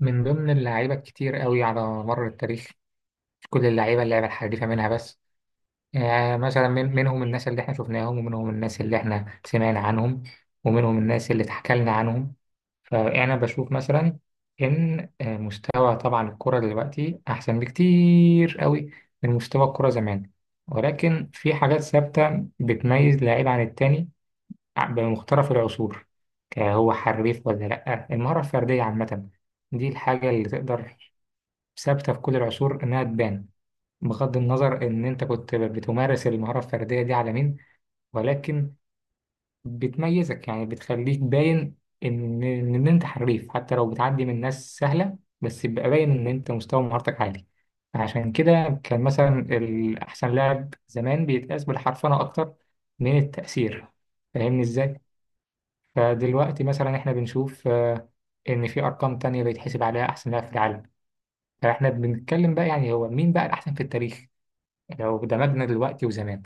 من ضمن اللعيبة الكتير قوي على مر التاريخ. مش كل اللعيبة اللعبة الحريفة منها بس. يعني مثلا، منهم الناس اللي احنا شفناهم، ومنهم الناس اللي احنا سمعنا عنهم، ومنهم الناس اللي اتحكى لنا عنهم. فأنا بشوف مثلا إن مستوى طبعا الكرة دلوقتي أحسن بكتير قوي من مستوى الكرة زمان. ولكن في حاجات ثابتة بتميز لعيب عن التاني بمختلف العصور. هو حريف ولا لأ؟ المهارة الفردية عامة، دي الحاجة اللي تقدر، ثابتة في كل العصور إنها تبان، بغض النظر إن أنت كنت بتمارس المهارة الفردية دي على مين. ولكن بتميزك، يعني بتخليك باين إن أنت حريف. حتى لو بتعدي من ناس سهلة، بس يبقى باين إن أنت مستوى مهارتك عالي. عشان كده كان مثلا الأحسن لاعب زمان بيتقاس بالحرفنة أكتر من التأثير. فاهمني إزاي؟ فدلوقتي مثلا إحنا بنشوف إن في أرقام تانية بيتحسب عليها أحسن لاعب في العالم. فاحنا بنتكلم بقى يعني هو مين بقى الأحسن في التاريخ لو دمجنا دلوقتي وزمان.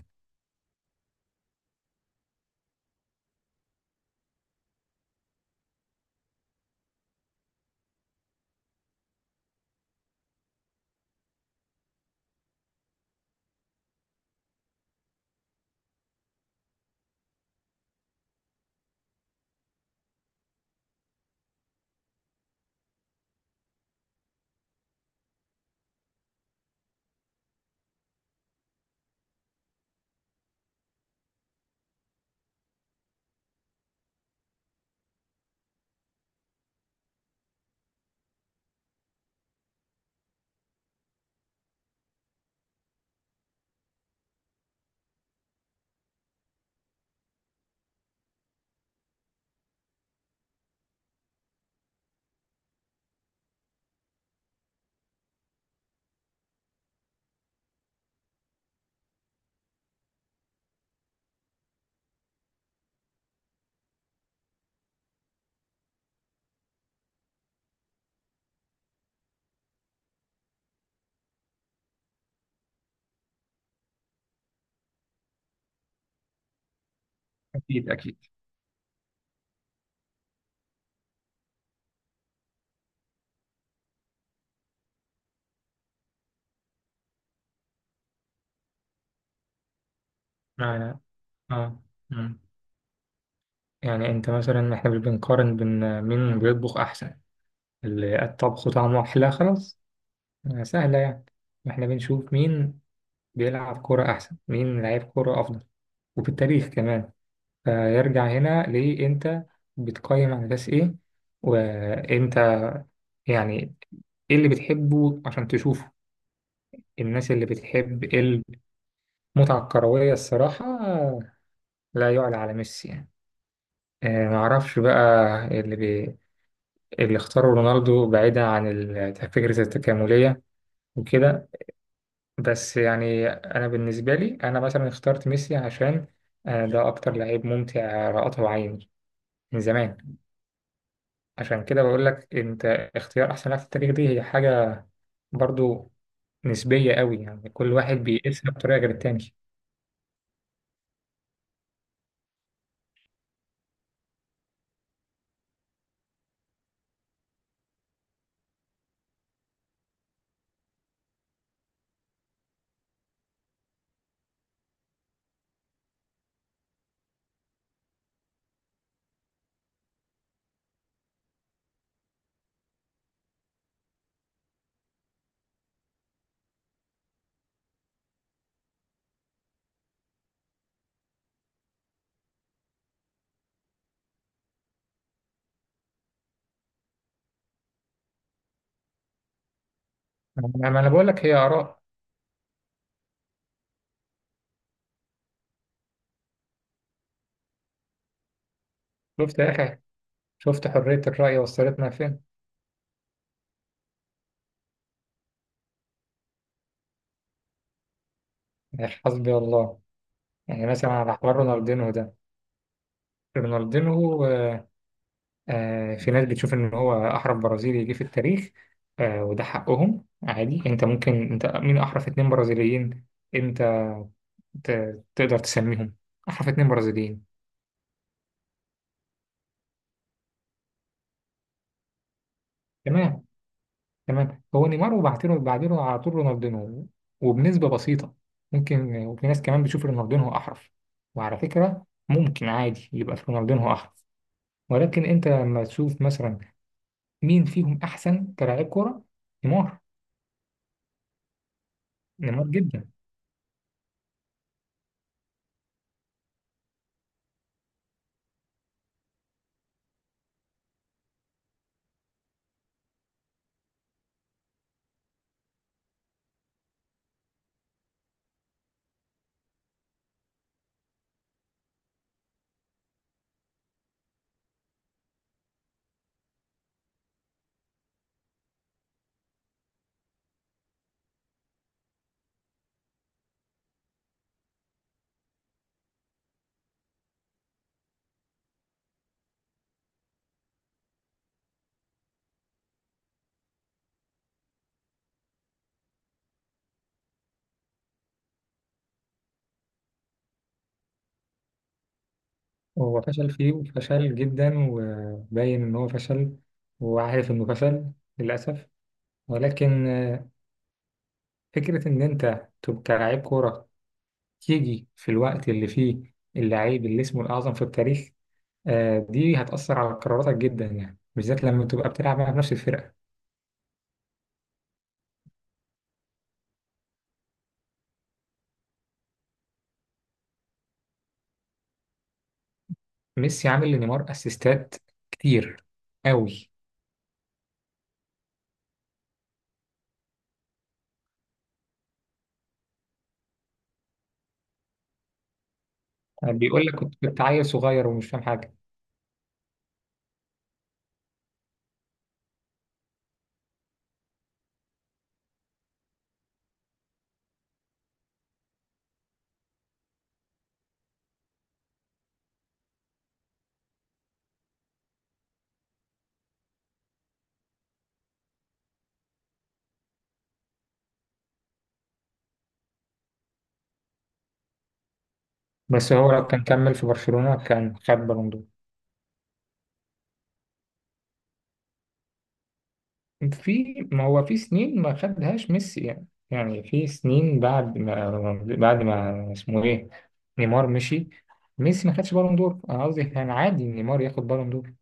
أكيد أكيد. معنى، اه. مم. يعني انت مثلا، احنا مش بنقارن بين مين بيطبخ احسن، اللي الطبخ طعمه احلى خلاص. سهلة يعني. احنا بنشوف مين بيلعب كرة احسن، مين لعيب كرة افضل، وفي التاريخ كمان. فيرجع هنا ليه انت بتقيم على اساس ايه، وانت يعني ايه اللي بتحبه عشان تشوفه؟ الناس اللي بتحب متعة كروية، الصراحة لا يعلى على ميسي يعني. معرفش بقى. اللي بي... اللي اختاروا رونالدو بعيدا عن فكرة التكاملية وكده. بس يعني أنا بالنسبة لي، أنا مثلا اخترت ميسي عشان ده أكتر لعيب ممتع رأته عيني من زمان. عشان كده بقول لك أنت، اختيار أحسن لاعب في التاريخ دي هي حاجة برضو نسبية قوي يعني. كل واحد بيقيسها بطريقة غير التاني. ما أنا بقول لك هي آراء. شفت يا أخي، شفت حرية الرأي وصلتنا فين؟ حسبي الله. يعني مثلا على حوار رونالدينو ده، رونالدينو، في ناس بتشوف ان هو احرف برازيلي جه في التاريخ. وده حقهم عادي. انت ممكن، انت مين احرف اتنين برازيليين؟ انت تقدر تسميهم احرف اتنين برازيليين؟ تمام تمام. هو نيمار، وبعدينه بعدينه على طول رونالدينو وبنسبة بسيطة ممكن. وفي ناس كمان بتشوف رونالدينو احرف، وعلى فكرة ممكن عادي يبقى في رونالدينو احرف. ولكن انت لما تشوف مثلا مين فيهم أحسن كلاعب كورة؟ نيمار. نيمار جدا. وهو فشل فيه، وفشل جدا، وباين إن هو فشل وعارف إنه فشل، للأسف. ولكن فكرة إن أنت تبقى كلاعب كورة تيجي في الوقت اللي فيه اللعيب اللي اسمه الأعظم في التاريخ، دي هتأثر على قراراتك جدا يعني، بالذات لما تبقى بتلعب مع نفس الفرقة. ميسي عامل لنيمار أسيستات كتير أوي. بيقول لك كنت عيل صغير ومش فاهم حاجة. بس هو لو كان كمل في برشلونة كان خد بالون دور. في، ما هو في سنين ما خدهاش ميسي يعني. يعني في سنين بعد ما اسمه ايه، نيمار مشي، ميسي ما خدش بالون دور. انا قصدي كان عادي نيمار ياخد بالون دور.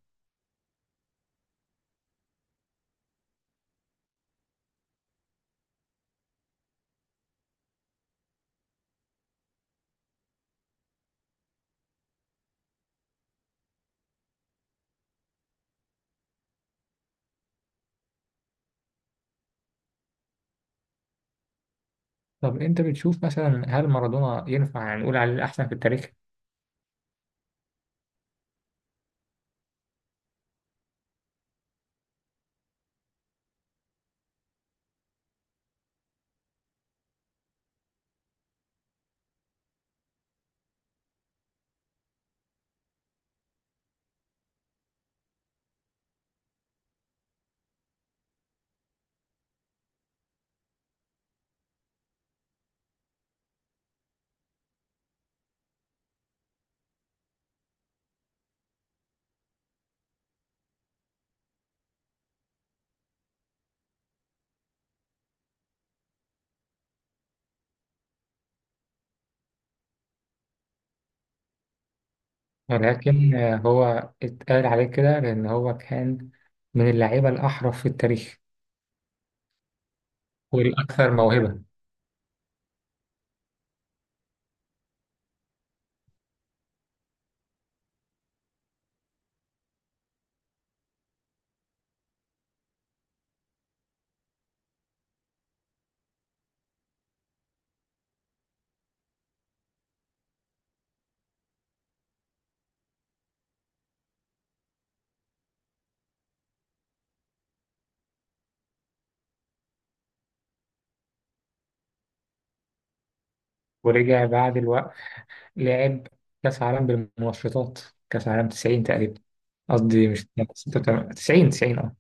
طب انت بتشوف مثلا، هل مارادونا ينفع نقول عليه الاحسن في التاريخ؟ ولكن هو اتقال عليه كده لان هو كان من اللعيبة الاحرف في التاريخ والاكثر موهبة. ورجع بعد الوقت لعب كأس عالم بالمنشطات، كأس عالم 90 تقريبا. قصدي مش 90، 90 اه.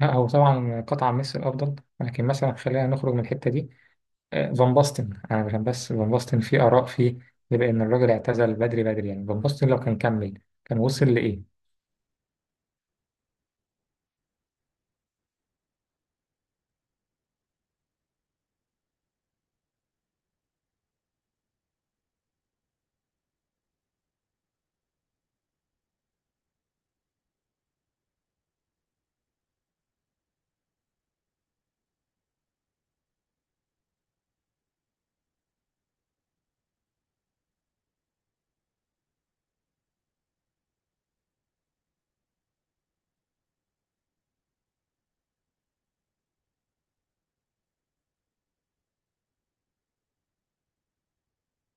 لا هو طبعا قطع ميسي الأفضل، ولكن مثلا خلينا نخرج من الحتة دي. فان باستن. أنا عشان بس فان باستن في آراء فيه بيبقى إن الراجل اعتزل بدري بدري يعني. فان باستن لو كان كمل كان وصل لإيه؟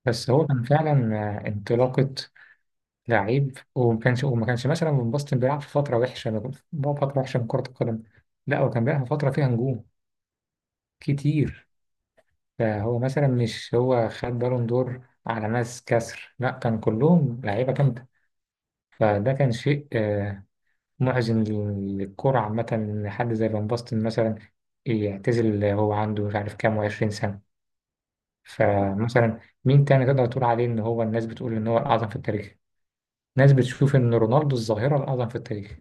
بس هو كان فعلا انطلاقة لعيب. وما كانش مثلا فان باستن بيلعب في فترة وحشة، بيلعب في فترة وحشة من كرة القدم. لا، هو كان بيلعب في فترة فيها نجوم كتير. فهو مثلا مش هو خد بالون دور على ناس كسر، لا، كان كلهم لعيبة جامدة. فده كان شيء محزن للكرة عامة إن حد زي فان باستن مثلا يعتزل، هو عنده مش عارف كام وعشرين سنة. فمثلا، مين تاني تقدر تقول عليه إن هو، الناس بتقول إن هو الأعظم في التاريخ؟ ناس بتشوف إن رونالدو الظاهرة الأعظم في التاريخ.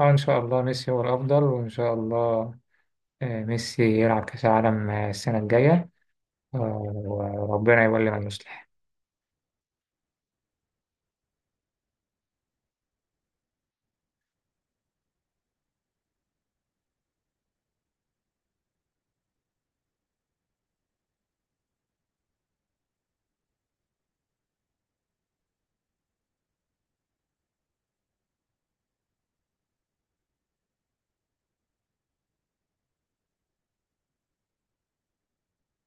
اه إن شاء الله ميسي هو الأفضل، وإن شاء الله ميسي يلعب كأس العالم السنة الجاية. آه، وربنا يولي من يصلح.